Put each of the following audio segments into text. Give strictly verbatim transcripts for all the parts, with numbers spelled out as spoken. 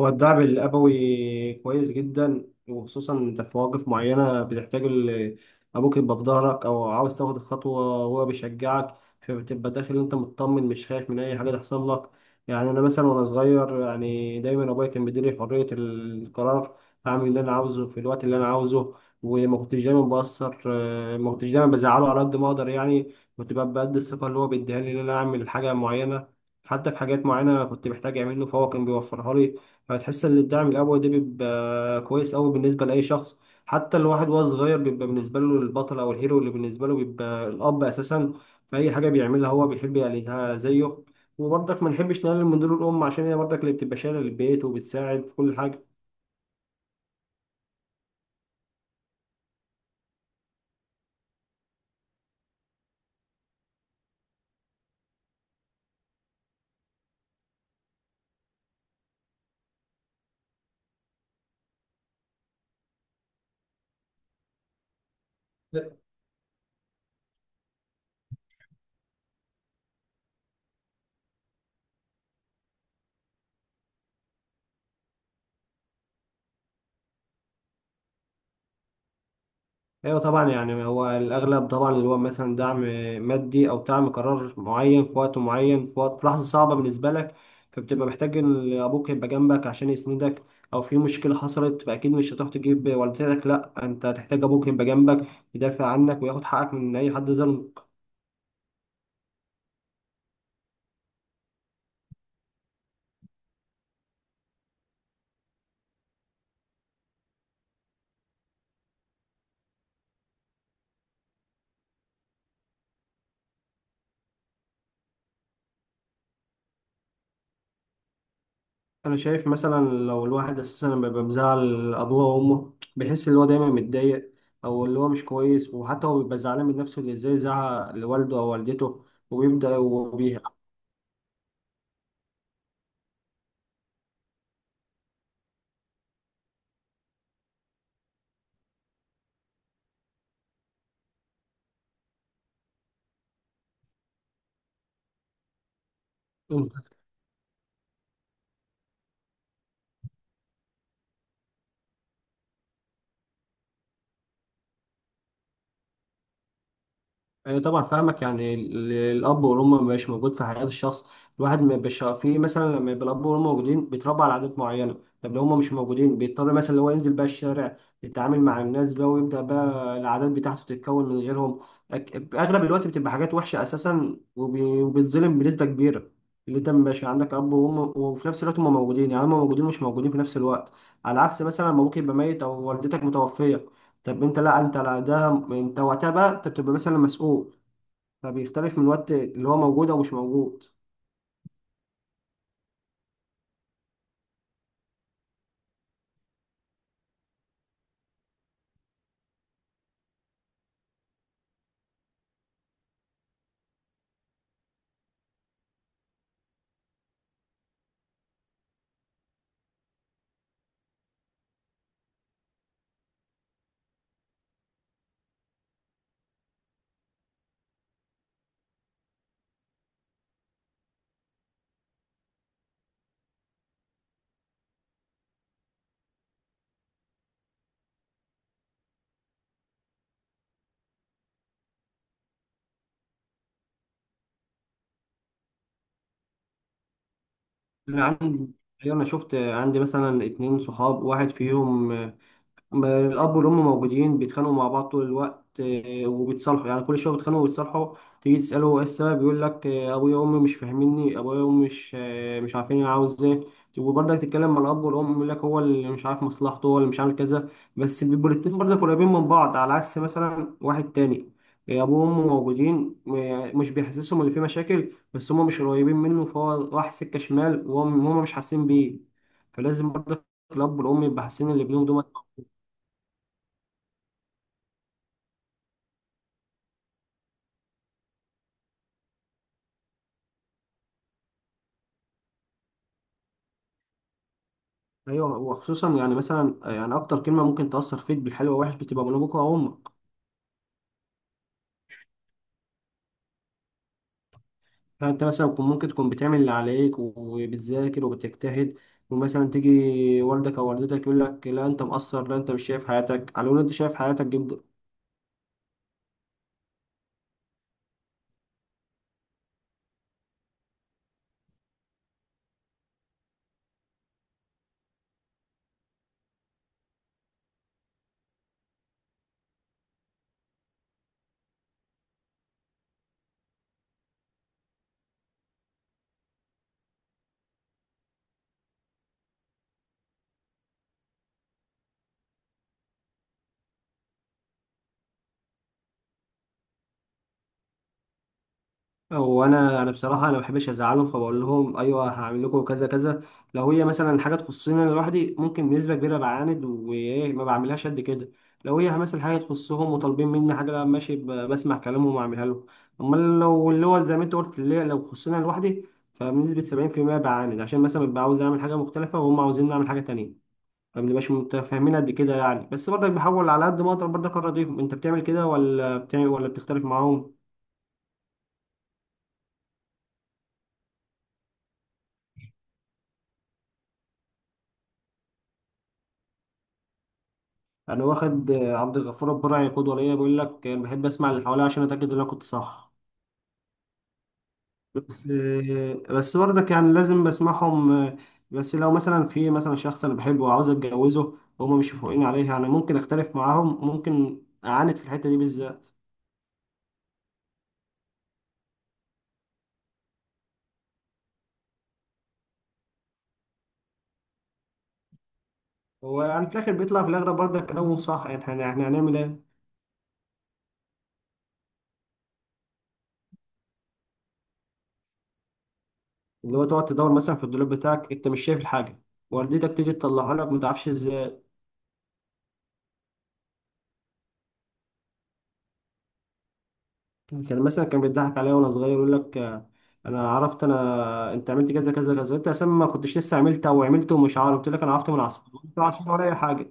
هو الدعم الأبوي كويس جدا، وخصوصا أنت في مواقف معينة بتحتاج ال- أبوك يبقى في ظهرك، أو عاوز تاخد الخطوة وهو بيشجعك. فبتبقى داخل أنت مطمن، مش خايف من أي حاجة تحصل لك. يعني أنا مثلا وأنا صغير يعني دايما أبويا كان بيديني حرية القرار، أعمل اللي أنا عاوزه في الوقت اللي أنا عاوزه. وما كنتش دايما بأثر آه، ما كنتش دايما بزعله على قد ما أقدر، يعني كنت ببقى بقد الثقة اللي هو بيديها لي إن أنا أعمل حاجة معينة. حتى في حاجات معينة كنت محتاج أعمله فهو كان بيوفرها لي. هتحس ان الدعم الابوي ده بيبقى كويس قوي بالنسبه لاي شخص. حتى الواحد وهو صغير بيبقى بالنسبه له البطل او الهيرو، اللي بالنسبه له بيبقى الاب اساسا. في اي حاجه بيعملها هو بيحب يعملها زيه. وبرضك ما نحبش نقلل من دور الام، عشان هي برضك اللي بتبقى شايله البيت وبتساعد في كل حاجه. ايوه طبعا، يعني هو الاغلب طبعا اللي هو مثلا دعم مادي او دعم قرار معين في وقت معين، في وقت في لحظه صعبه بالنسبه لك، فبتبقى محتاج ان ابوك يبقى جنبك عشان يسندك. او في مشكله حصلت، فاكيد مش هتروح تجيب والدتك، لا انت هتحتاج ابوك يبقى جنبك، يدافع عنك وياخد حقك من اي حد ظلم. انا شايف مثلا لو الواحد اساسا لما بيبقى مزعل ابوه او امه بيحس ان هو دايما متضايق، او اللي هو مش كويس، وحتى هو بيبقى زعلان من نفسه، اللي ازاي زعق لوالده او والدته، وبيبدا وبيه. أيوة طبعا، فاهمك. يعني ال- الأب والأم مش موجود في حياة الشخص، الواحد ما بيبقاش في، مثلا لما يبقى الأب والأم موجودين بيتربى على عادات معينة. طب لو هما مش موجودين بيضطر مثلا اللي هو ينزل بقى الشارع، يتعامل مع الناس بقى، ويبدأ بقى العادات بتاعته تتكون من غيرهم. أك- أغلب الوقت بتبقى حاجات وحشة أساسا، وبي- وبيتظلم بنسبة كبيرة. اللي أنت مبقاش عندك أب وأم وفي نفس الوقت هما موجودين، يعني هما موجودين مش موجودين في نفس الوقت، على عكس مثلا لما أبوك يبقى ميت أو والدتك متوفية. طب انت لا انت لا، ده انت وقتها بقى انت بتبقى مثلا مسؤول. فبيختلف من الوقت اللي هو موجود او مش موجود. انا عندي ايوه انا شفت، عندي مثلا اتنين صحاب، واحد فيهم ما الاب والام موجودين بيتخانقوا مع بعض طول الوقت آه، وبيتصالحوا، يعني كل شويه بيتخانقوا وبيتصالحوا. تيجي تساله ايه السبب يقول لك آه، ابويا وامي مش فاهميني، ابويا وامي مش آه، مش عارفين انا عاوز ايه. وبرضك تتكلم مع الاب والام يقول لك هو اللي مش عارف مصلحته، هو اللي مش عامل كذا. بس بيبقوا الاتنين برضك قريبين من بعض، على عكس مثلا واحد تاني آه، ابوه وامه موجودين آه، مش بيحسسهم اللي فيه مشاكل، بس هم مش قريبين منه، فهو راح سكه شمال وهم هم مش حاسين بيه. فلازم برضك الاب والام يبقى حاسين اللي بينهم دول. ايوه، وخصوصا يعني مثلا يعني اكتر كلمه ممكن تاثر فيك بالحلو والوحش بتبقى من ابوك او امك. يعني انت مثلا كن- ممكن تكون بتعمل اللي عليك وبتذاكر وبتجتهد، ومثلا تيجي والدك او والدتك يقول لك لا انت مقصر، لا انت مش شايف حياتك، على ان انت شايف حياتك جدا. هو انا انا بصراحه انا ما بحبش ازعلهم، فبقول لهم ايوه هعمل لكم كذا كذا. لو هي مثلا حاجه تخصني انا لوحدي ممكن بنسبه كبيره بعاند، وايه ما بعملهاش قد كده. لو هي مثلا حاجه تخصهم وطالبين مني حاجه، لا ماشي، ب- بسمع كلامهم واعملها لهم. امال لو اللي هو زي ما انت قلت اللي هي لو خصني أنا لوحدي، فبنسبه سبعين في المية بعاند، عشان مثلا ببقى عاوز اعمل حاجه مختلفه وهم عاوزين نعمل حاجه تانية، فمبنبقاش متفاهمين قد كده يعني. بس برضك بحاول على قد ما اقدر برضك ارضيهم. انت بتعمل كده ولا بتعمل ولا بتختلف معاهم؟ انا واخد آه، عبد الغفور البرعي قدوه ليا، بيقول لك انا بحب اسمع اللي حواليا عشان اتاكد ان انا كنت صح. بس آه، بس برضك يعني لازم بسمعهم آه، بس لو مثلا في مثلا شخص انا بحبه وعاوز اتجوزه وهما مش فوقين عليه، يعني ممكن اختلف معاهم، ممكن اعاند في الحته دي بالذات. هو يعني في الاخر بيطلع في الاغلب برضك كلامهم صح، يعني احنا إحنا هنعمل ايه. اللي هو تقعد تدور مثلا في الدولاب بتاعك انت مش شايف الحاجه، والدتك تيجي تطلعها لك ما تعرفش. كان مثلا كان بيضحك عليا وانا صغير، يقول لك آه، انا عرفت، انا انت عملت كذا كذا كذا، انت اساسا ما كنتش لسه عملتها وعملته ومش عارف، قلت لك انا عرفت من عصفوره، انت عصفوره ولا اي حاجه؟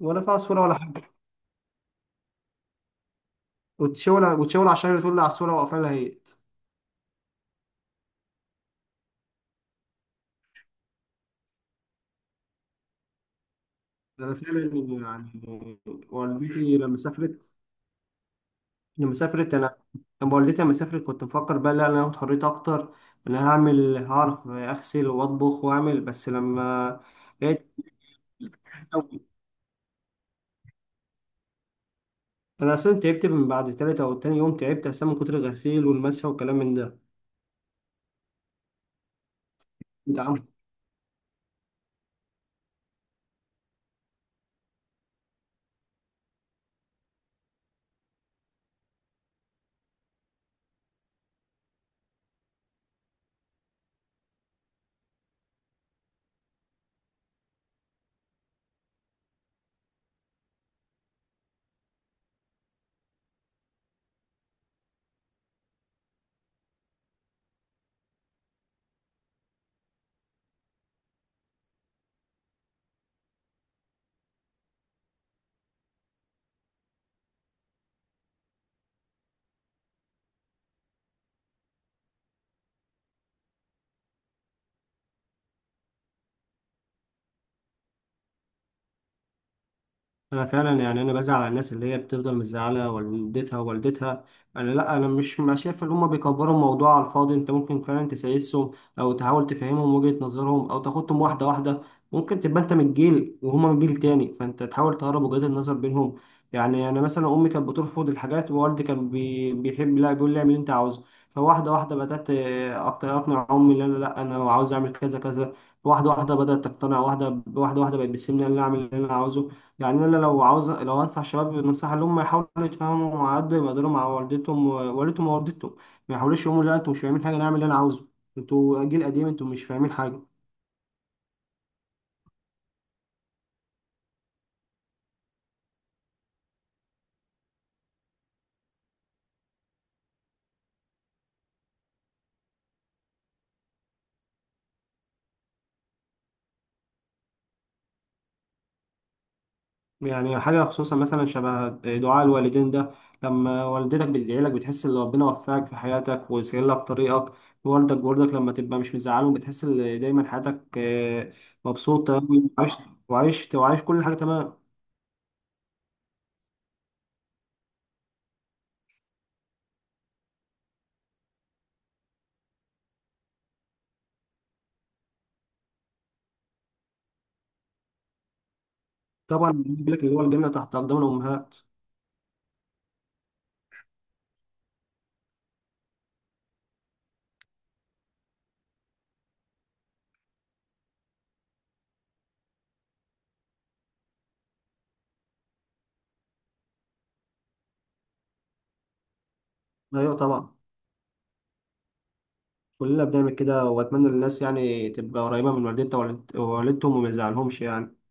ولا في عصفوره ولا حاجه، وتشاور وتشاور على الشجره تقول لي عصفوره وقفلها هيت. ده انا فعلا يعني. والدتي لما سافرت لما سافرت انا لما والدتي لما سافرت كنت مفكر بقى لا انا هاخد حريتي اكتر، انا هعمل هعرف اغسل واطبخ واعمل. بس لما لقيت، انا اصلا تعبت من بعد تالت او تاني يوم، تعبت اصلا من كتر الغسيل والمسح والكلام من ده. انت عامل. انا فعلا يعني انا بزعل على الناس اللي هي بتفضل مزعله والدتها ووالدتها. انا لا انا مش ما شايف ان هم بيكبروا الموضوع على الفاضي، انت ممكن فعلا تسايسهم او تحاول تفهمهم وجهه نظرهم او تاخدهم واحده واحده. ممكن تبقى انت من الجيل وهما من جيل تاني، فانت تحاول تقرب وجهات النظر بينهم. يعني انا مثلا امي كانت بترفض الحاجات ووالدي كان بي- بيحب، لا بيقول لي اعمل اللي انت عاوزه. فواحده واحده بدات أقت- اقنع امي ان انا لا انا عاوز اعمل كذا كذا. واحده واحده بدات تقتنع، واحده واحده واحده بقت بتسيبني إن انا اعمل اللي انا عاوزه. يعني انا لو عاوز لو انصح شباب نصيحه اللي هم يحاولوا يتفاهموا على قد ما يقدروا مع والدتهم ووالدتهم ووالدتهم ما يحاولوش يقولوا لا انتوا مش فاهمين حاجه، انا اعمل اللي انا عاوزه، انتوا جيل قديم انتوا مش فاهمين حاجه. يعني حاجه خصوصا مثلا شبه دعاء الوالدين ده، لما والدتك بتدعي لك بتحس ان ربنا وفقك في حياتك وسهل لك طريقك. والدك برضك لما تبقى مش مزعلهم بتحس ان دايما حياتك آه، مبسوطه أوي، وعايش وعايش وعايش كل حاجه تمام. طبعا بيقول لك اللي هو الجنه تحت اقدام الامهات. ايوه طبعا، كلنا بنعمل كده، وأتمنى للناس يعني تبقى قريبة من والدتها ووالدتهم وما يزعلهمش يعني.